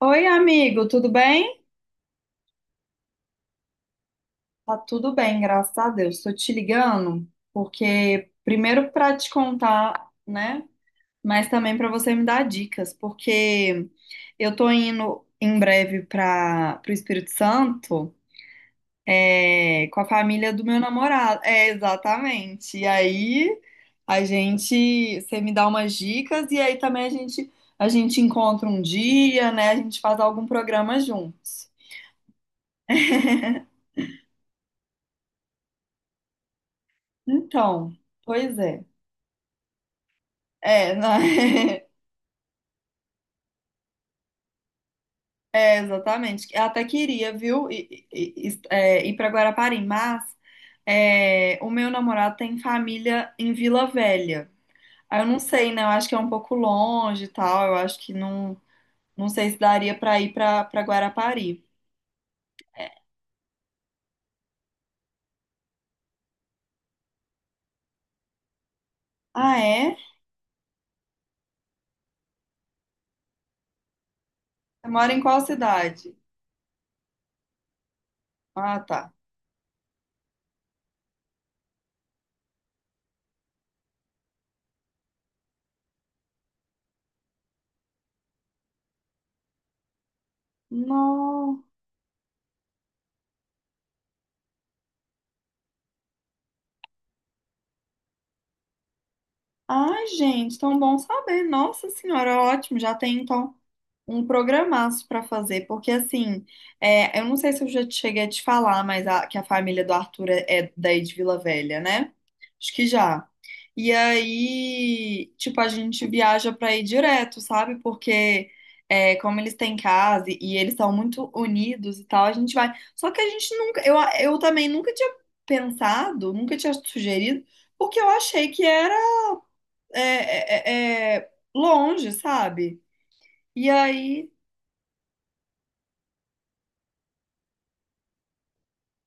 Oi, amigo, tudo bem? Tá tudo bem, graças a Deus. Estou te ligando porque primeiro para te contar, né? Mas também para você me dar dicas, porque eu tô indo em breve para o Espírito Santo, é, com a família do meu namorado. É, exatamente. E aí a gente, você me dá umas dicas e aí também a gente encontra um dia, né? A gente faz algum programa juntos. Então, pois é. É, não, é, exatamente. Eu até queria, viu, ir para Guarapari, mas o meu namorado tem família em Vila Velha. Aí eu não sei, né? Eu acho que é um pouco longe e tal. Eu acho que não, não sei se daria para ir para Guarapari. Ah, é? Você mora em qual cidade? Ah, tá. Nossa. Ai, gente, tão bom saber. Nossa Senhora, ótimo. Já tem então um programaço para fazer, porque assim, eu não sei se eu já te cheguei a te falar, mas que a família do Arthur é, é daí de Vila Velha, né? Acho que já. E aí, tipo, a gente viaja para ir direto, sabe? Porque é, como eles têm casa e eles são muito unidos e tal, a gente vai. Só que a gente nunca, eu também nunca tinha pensado, nunca tinha sugerido, porque eu achei que era longe, sabe? E aí,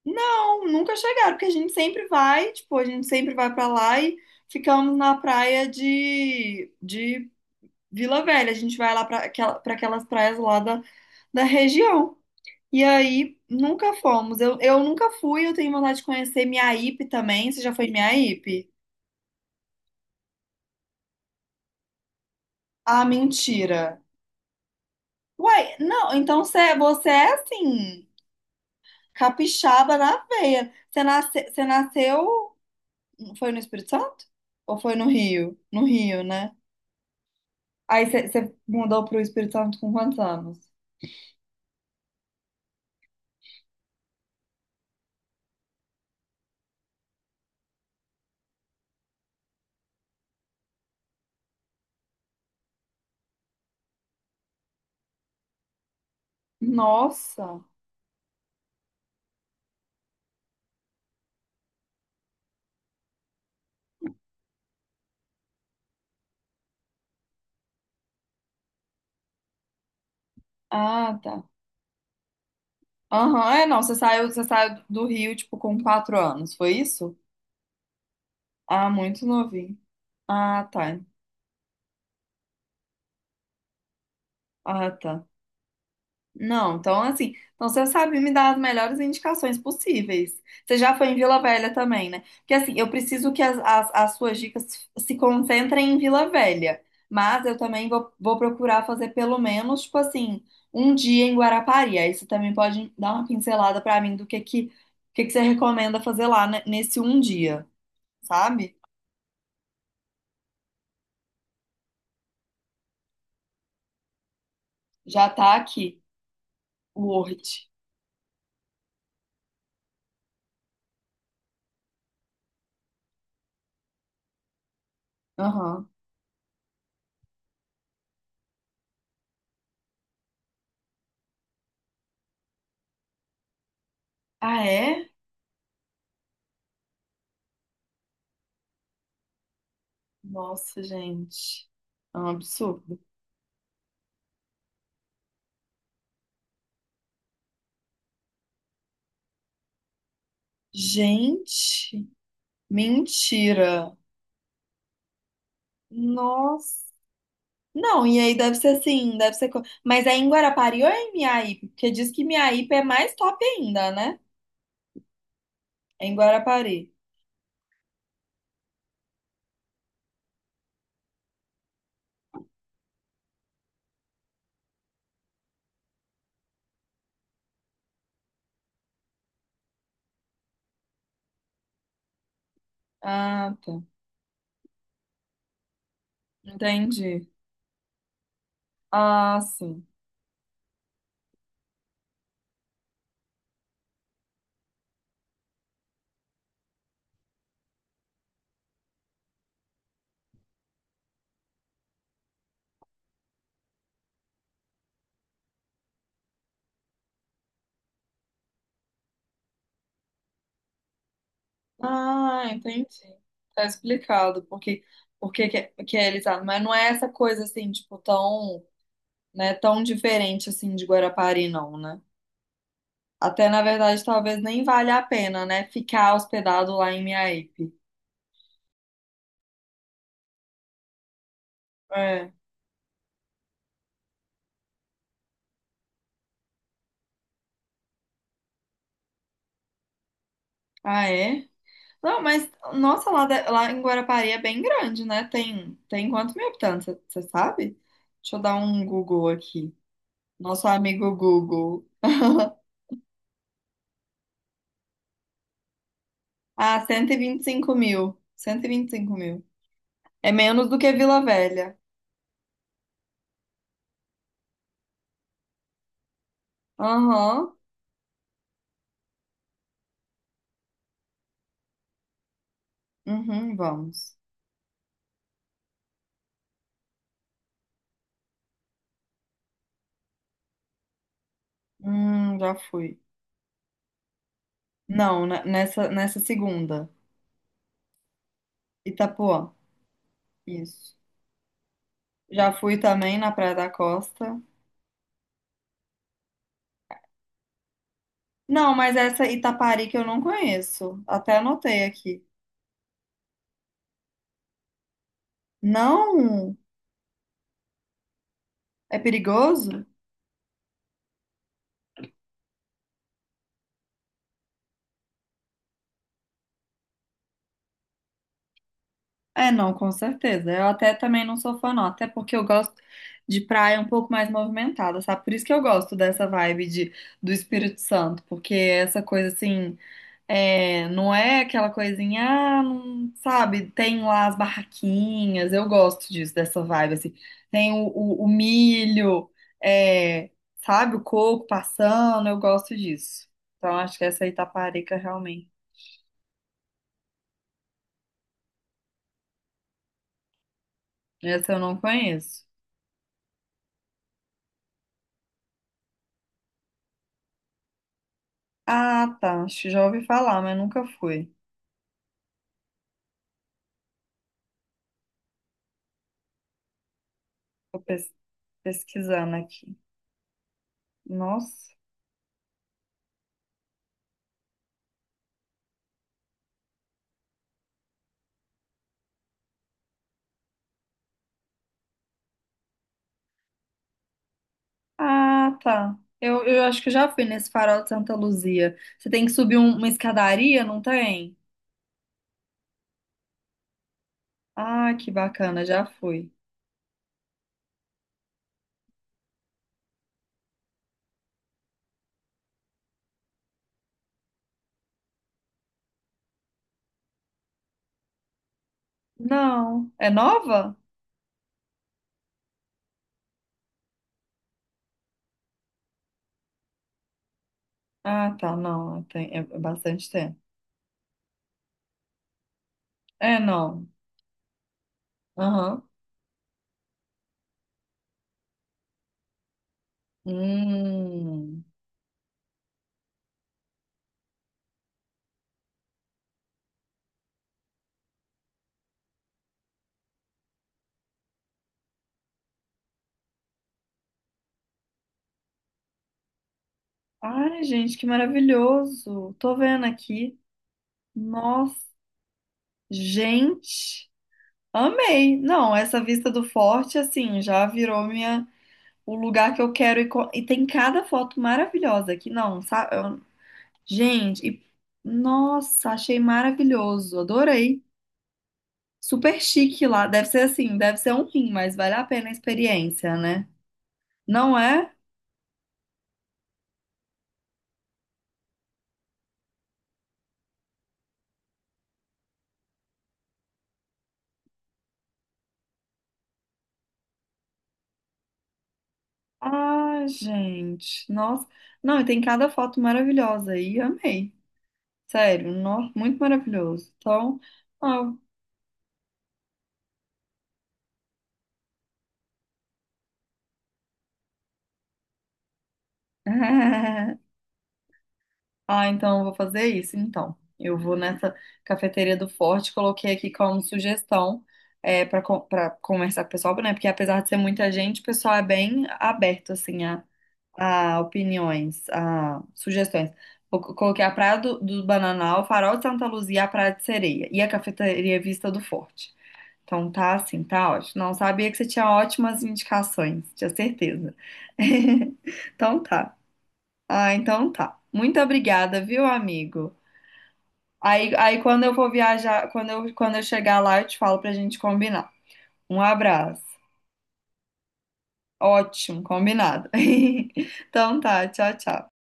não, nunca chegaram, porque a gente sempre vai, tipo, a gente sempre vai pra lá e ficamos na praia de Vila Velha. A gente vai lá pra aquela, pra aquelas praias lá da, da região. E aí, nunca fomos. Eu nunca fui, eu tenho vontade de conhecer Miaípe também. Você já foi em Miaípe? Ah, mentira. Uai, não, então você, você é assim, capixaba na veia. Você nasce, você nasceu foi no Espírito Santo? Ou foi no Rio? No Rio, né? Aí você mudou pro Espírito Santo com quantos anos? Nossa! Ah, tá. Aham, é, não, você saiu do Rio, tipo, com 4 anos, foi isso? Ah, muito novinho. Ah, tá. Ah, tá. Não, então assim, então você sabe me dar as melhores indicações possíveis. Você já foi em Vila Velha também, né? Porque assim, eu preciso que as suas dicas se concentrem em Vila Velha, mas eu também vou, vou procurar fazer pelo menos, tipo assim, um dia em Guarapari. Aí você também pode dar uma pincelada pra mim o que que você recomenda fazer lá, né, nesse um dia, sabe? Já tá aqui o Word. Aham. Ah, é? Nossa, gente. É um absurdo. Gente, mentira. Nossa. Não, e aí deve ser assim, Mas é em Guarapari ou é em Miaípe? Porque diz que Miaípe é mais top ainda, né? É em Guarapari. Ah, tá. Entendi. Ah, sim. Ah, entendi. Tá explicado porque que é elitado. Mas não é essa coisa assim, tipo, tão, né, tão diferente assim de Guarapari, não, né? Até na verdade, talvez nem valha a pena, né, ficar hospedado lá em Miaípe. É. Ah, é? Não, mas, nossa, lá em Guarapari é bem grande, né? Tem quantos mil habitantes, você sabe? Deixa eu dar um Google aqui. Nosso amigo Google. Ah, 125 mil. 125 mil. É menos do que Vila Velha. Aham. Uhum, vamos. Já fui. Não, nessa, nessa segunda. Itapuã. Isso. Já fui também na Praia da Costa. Não, mas essa Itapari que eu não conheço. Até anotei aqui. Não, é perigoso? É, não, com certeza. Eu até também não sou fã, não. Até porque eu gosto de praia um pouco mais movimentada, sabe? Por isso que eu gosto dessa vibe de, do Espírito Santo, porque essa coisa assim, não é aquela coisinha, ah, não, sabe? Tem lá as barraquinhas, eu gosto disso, dessa vibe, assim. Tem o milho, é, sabe? O coco passando, eu gosto disso. Então acho que essa Itaparica realmente, essa eu não conheço. Ah, tá. Acho que já ouvi falar, mas nunca fui. Tô pes- pesquisando aqui. Nossa. Ah, tá. Eu acho que já fui nesse farol de Santa Luzia. Você tem que subir uma escadaria, não tem? Ah, que bacana, já fui. Não. É nova? Ah, tá. Não, tem, é bastante tempo. É, não. Aham. Hum. Ai, gente, que maravilhoso. Tô vendo aqui. Nossa, gente. Amei. Não, essa vista do forte, assim, já virou minha o lugar que eu quero ir. E tem cada foto maravilhosa aqui, não, sabe? Gente, nossa, achei maravilhoso, adorei. Super chique lá. Deve ser assim, deve ser um rim, mas vale a pena a experiência, né? Não é? Ah, gente, nossa. Não, e tem cada foto maravilhosa aí, amei. Sério, nossa, muito maravilhoso. Então, ó. Ah, então eu vou fazer isso, então. Eu vou nessa cafeteria do Forte, coloquei aqui como sugestão é, para conversar com o pessoal, né? Porque apesar de ser muita gente, o pessoal é bem aberto, assim, a opiniões, a sugestões. Coloquei a Praia do Bananal, o Farol de Santa Luzia, a Praia de Sereia e a cafeteria Vista do Forte. Então tá assim, tá ótimo. Não sabia que você tinha ótimas indicações, tinha certeza. Então tá. Ah, então tá. Muito obrigada, viu, amigo? Aí, quando eu chegar lá, eu te falo pra gente combinar. Um abraço. Ótimo, combinado. Então tá, tchau, tchau.